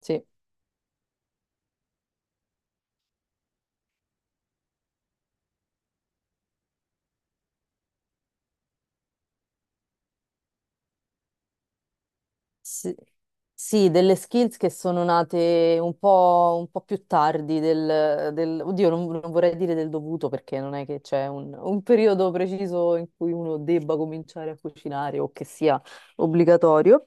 Sì. Sì, sì, delle skills che sono nate un po', più tardi oddio, non vorrei dire del dovuto perché non è che c'è un periodo preciso in cui uno debba cominciare a cucinare o che sia obbligatorio.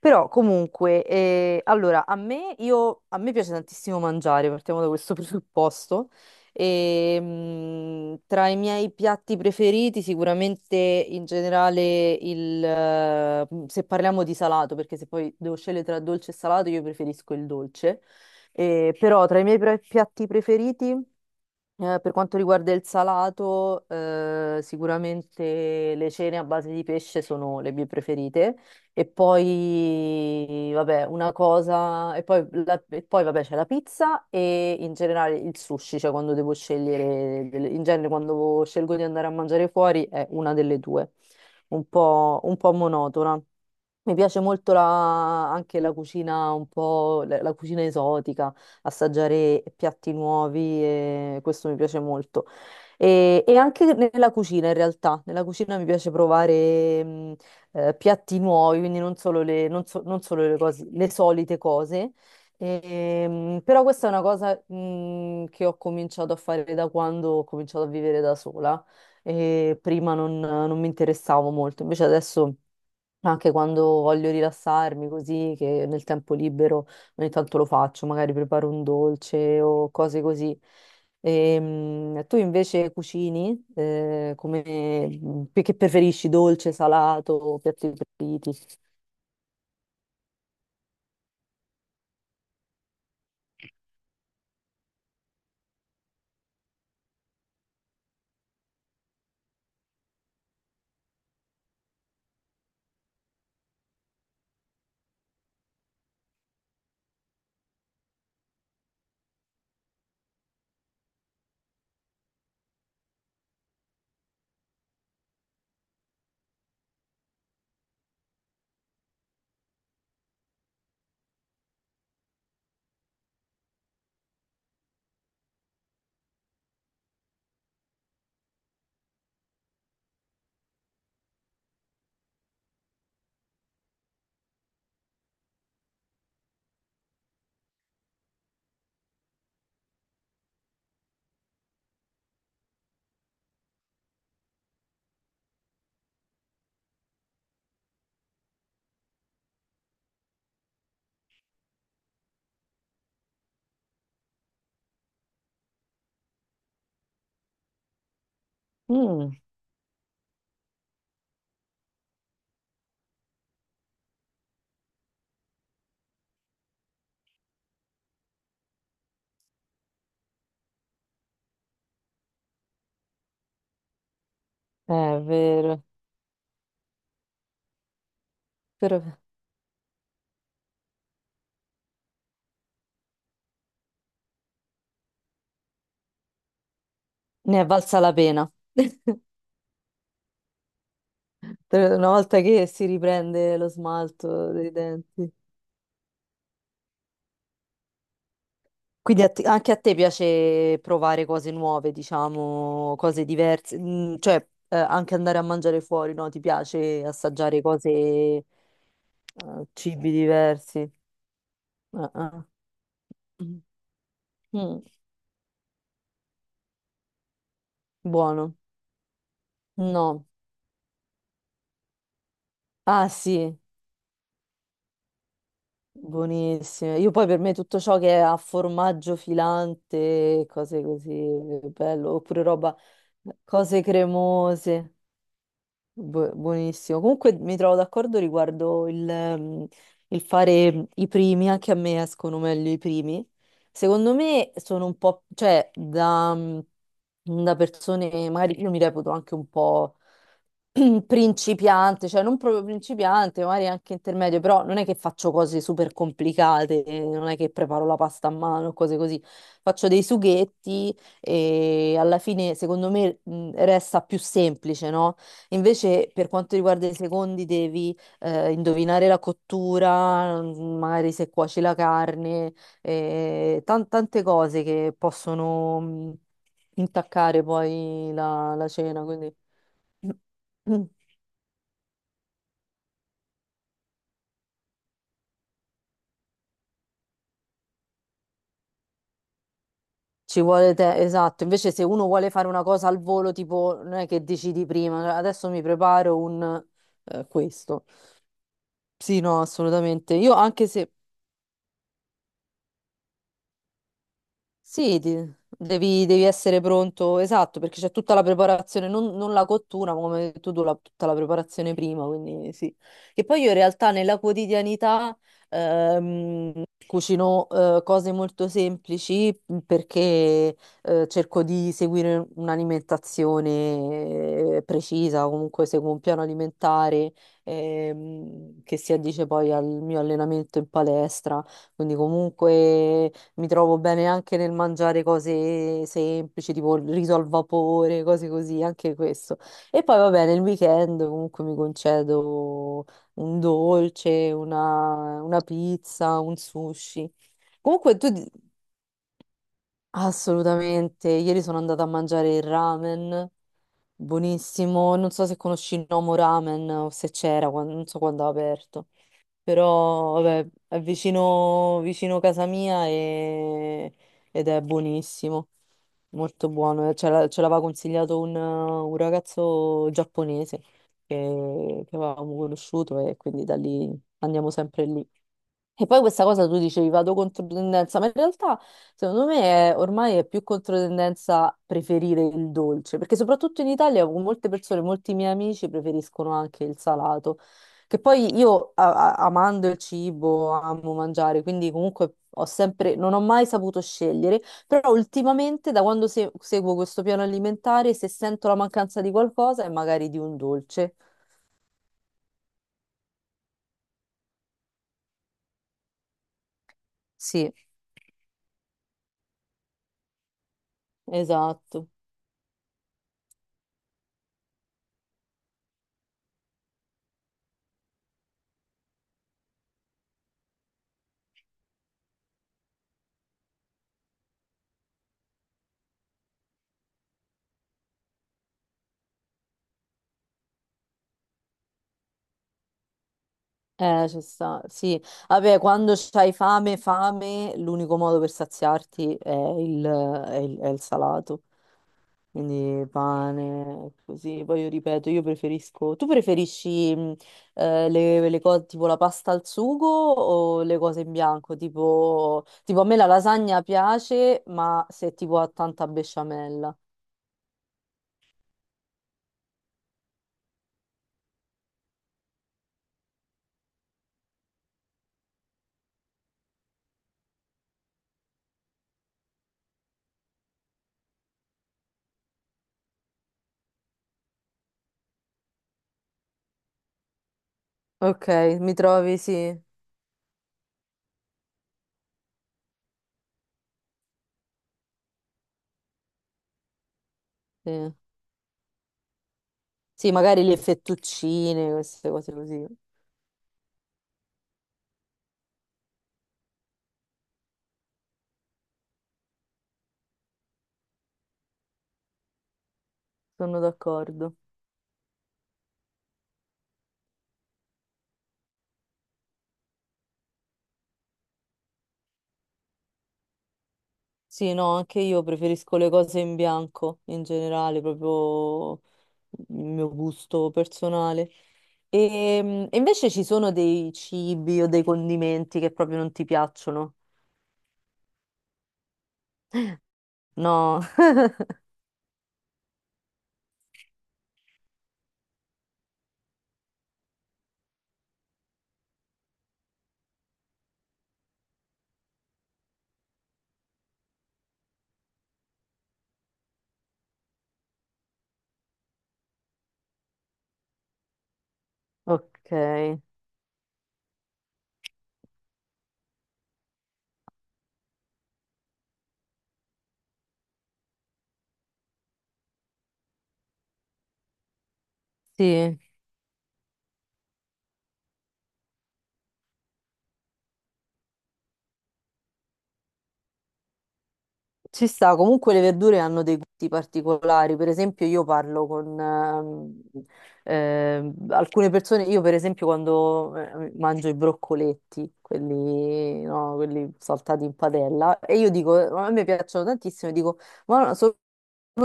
Però comunque, a me piace tantissimo mangiare, partiamo da questo presupposto. Tra i miei piatti preferiti, sicuramente in generale se parliamo di salato, perché se poi devo scegliere tra dolce e salato, io preferisco il dolce. Però tra i miei piatti preferiti. Per quanto riguarda il salato, sicuramente le cene a base di pesce sono le mie preferite. E poi, vabbè, una cosa, e poi, vabbè, c'è la pizza e in generale il sushi, cioè quando devo scegliere, in genere quando scelgo di andare a mangiare fuori è una delle due, un po' monotona. Mi piace molto anche la cucina un po', la cucina esotica, assaggiare piatti nuovi e questo mi piace molto. E anche nella cucina, in realtà, nella cucina mi piace provare piatti nuovi, quindi non solo le, non so- non solo le solite cose. Però questa è una cosa, che ho cominciato a fare da quando ho cominciato a vivere da sola e prima non mi interessavo molto, invece adesso. Anche quando voglio rilassarmi così, che nel tempo libero ogni tanto lo faccio, magari preparo un dolce o cose così. Tu invece cucini, che preferisci, dolce, salato, piatti preferiti? Mm, è vero, però ne è valsa la pena. Una volta che si riprende lo smalto dei denti. Quindi anche a te piace provare cose nuove, diciamo, cose diverse, mm, cioè anche andare a mangiare fuori, no? Ti piace assaggiare cose, cibi diversi. Ah, ah. Mm, buono. No. Ah sì, buonissime. Io poi per me tutto ciò che è a formaggio filante, cose così, bello, oppure roba, cose cremose. Buonissimo. Comunque mi trovo d'accordo riguardo il fare i primi, anche a me escono meglio i primi. Secondo me sono un po', cioè da persone, magari io mi reputo anche un po' principiante, cioè non proprio principiante, magari anche intermedio, però non è che faccio cose super complicate, non è che preparo la pasta a mano, cose così. Faccio dei sughetti e alla fine secondo me resta più semplice, no? Invece, per quanto riguarda i secondi, devi indovinare la cottura, magari se cuoci la carne, tante cose che possono intaccare poi la cena. Quindi Mm. ci vuole te, esatto. Invece, se uno vuole fare una cosa al volo, tipo, non è che decidi prima, adesso mi preparo un questo. Sì, no, assolutamente. Io anche se. Sì, devi essere pronto, esatto, perché c'è tutta la preparazione, non la cottura, ma come hai detto tu, tutta la preparazione prima, quindi sì. E poi io in realtà nella quotidianità cucino cose molto semplici perché cerco di seguire un'alimentazione precisa, comunque seguo un piano alimentare che si addice poi al mio allenamento in palestra, quindi comunque... Mi trovo bene anche nel mangiare cose semplici, tipo il riso al vapore, cose così, anche questo. E poi va bene, il weekend comunque mi concedo un dolce, una pizza, un sushi. Comunque tu... Assolutamente. Ieri sono andata a mangiare il ramen, buonissimo. Non so se conosci il Nomo Ramen o se c'era, non so quando ha aperto, però vabbè, è vicino, vicino casa mia ed è buonissimo, molto buono. Ce l'aveva consigliato un ragazzo giapponese che avevamo conosciuto e quindi da lì andiamo sempre lì. E poi questa cosa tu dicevi vado contro tendenza, ma in realtà secondo me ormai è più contro tendenza preferire il dolce, perché soprattutto in Italia con molte persone, molti miei amici preferiscono anche il salato, che poi io amando il cibo, amo mangiare, quindi comunque ho sempre, non ho mai saputo scegliere, però ultimamente da quando seguo questo piano alimentare, se sento la mancanza di qualcosa è magari di un dolce. Sì, esatto. Ci sta, sì. Vabbè, quando c'hai fame, fame, l'unico modo per saziarti è è il salato. Quindi pane, così. Poi io ripeto, io preferisco... Tu preferisci le cose tipo la pasta al sugo o le cose in bianco? Tipo a me la lasagna piace, ma se tipo ha tanta besciamella. Ok, mi trovi, sì. Sì, sì, magari le fettuccine, queste cose così. Sono d'accordo. Sì, no, anche io preferisco le cose in bianco in generale, proprio il mio gusto personale. E invece ci sono dei cibi o dei condimenti che proprio non ti piacciono? No, ok, sì. Ci sta, comunque le verdure hanno dei gusti particolari, per esempio io parlo con alcune persone, io per esempio quando mangio i broccoletti, quelli, no, quelli saltati in padella, e io dico, a me piacciono tantissimo, e dico, ma no, sono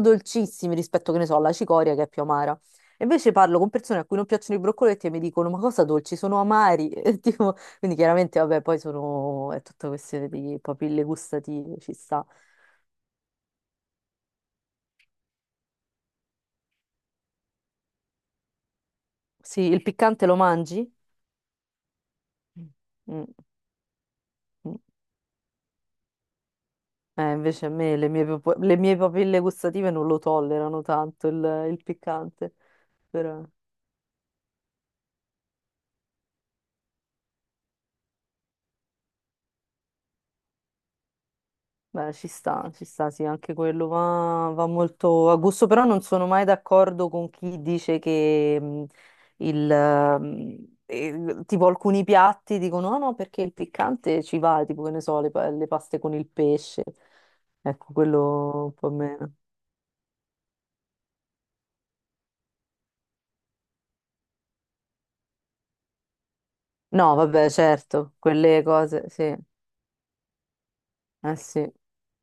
dolcissimi rispetto, che ne so, alla cicoria che è più amara. E invece parlo con persone a cui non piacciono i broccoletti e mi dicono, ma cosa dolci, sono amari. E tipo, quindi chiaramente, vabbè, poi sono, è tutta questione di papille gustative, ci sta. Sì, il piccante lo mangi? Mm, mm. Invece a me le mie, le mie papille gustative non lo tollerano tanto il piccante, però beh, ci sta, sì, anche quello va, molto a gusto, però non sono mai d'accordo con chi dice che il, mm, tipo alcuni piatti dicono no, no, perché il piccante ci va, tipo che ne so, le paste con il pesce, ecco, quello un po' meno. No, vabbè, certo, quelle cose, sì, eh sì.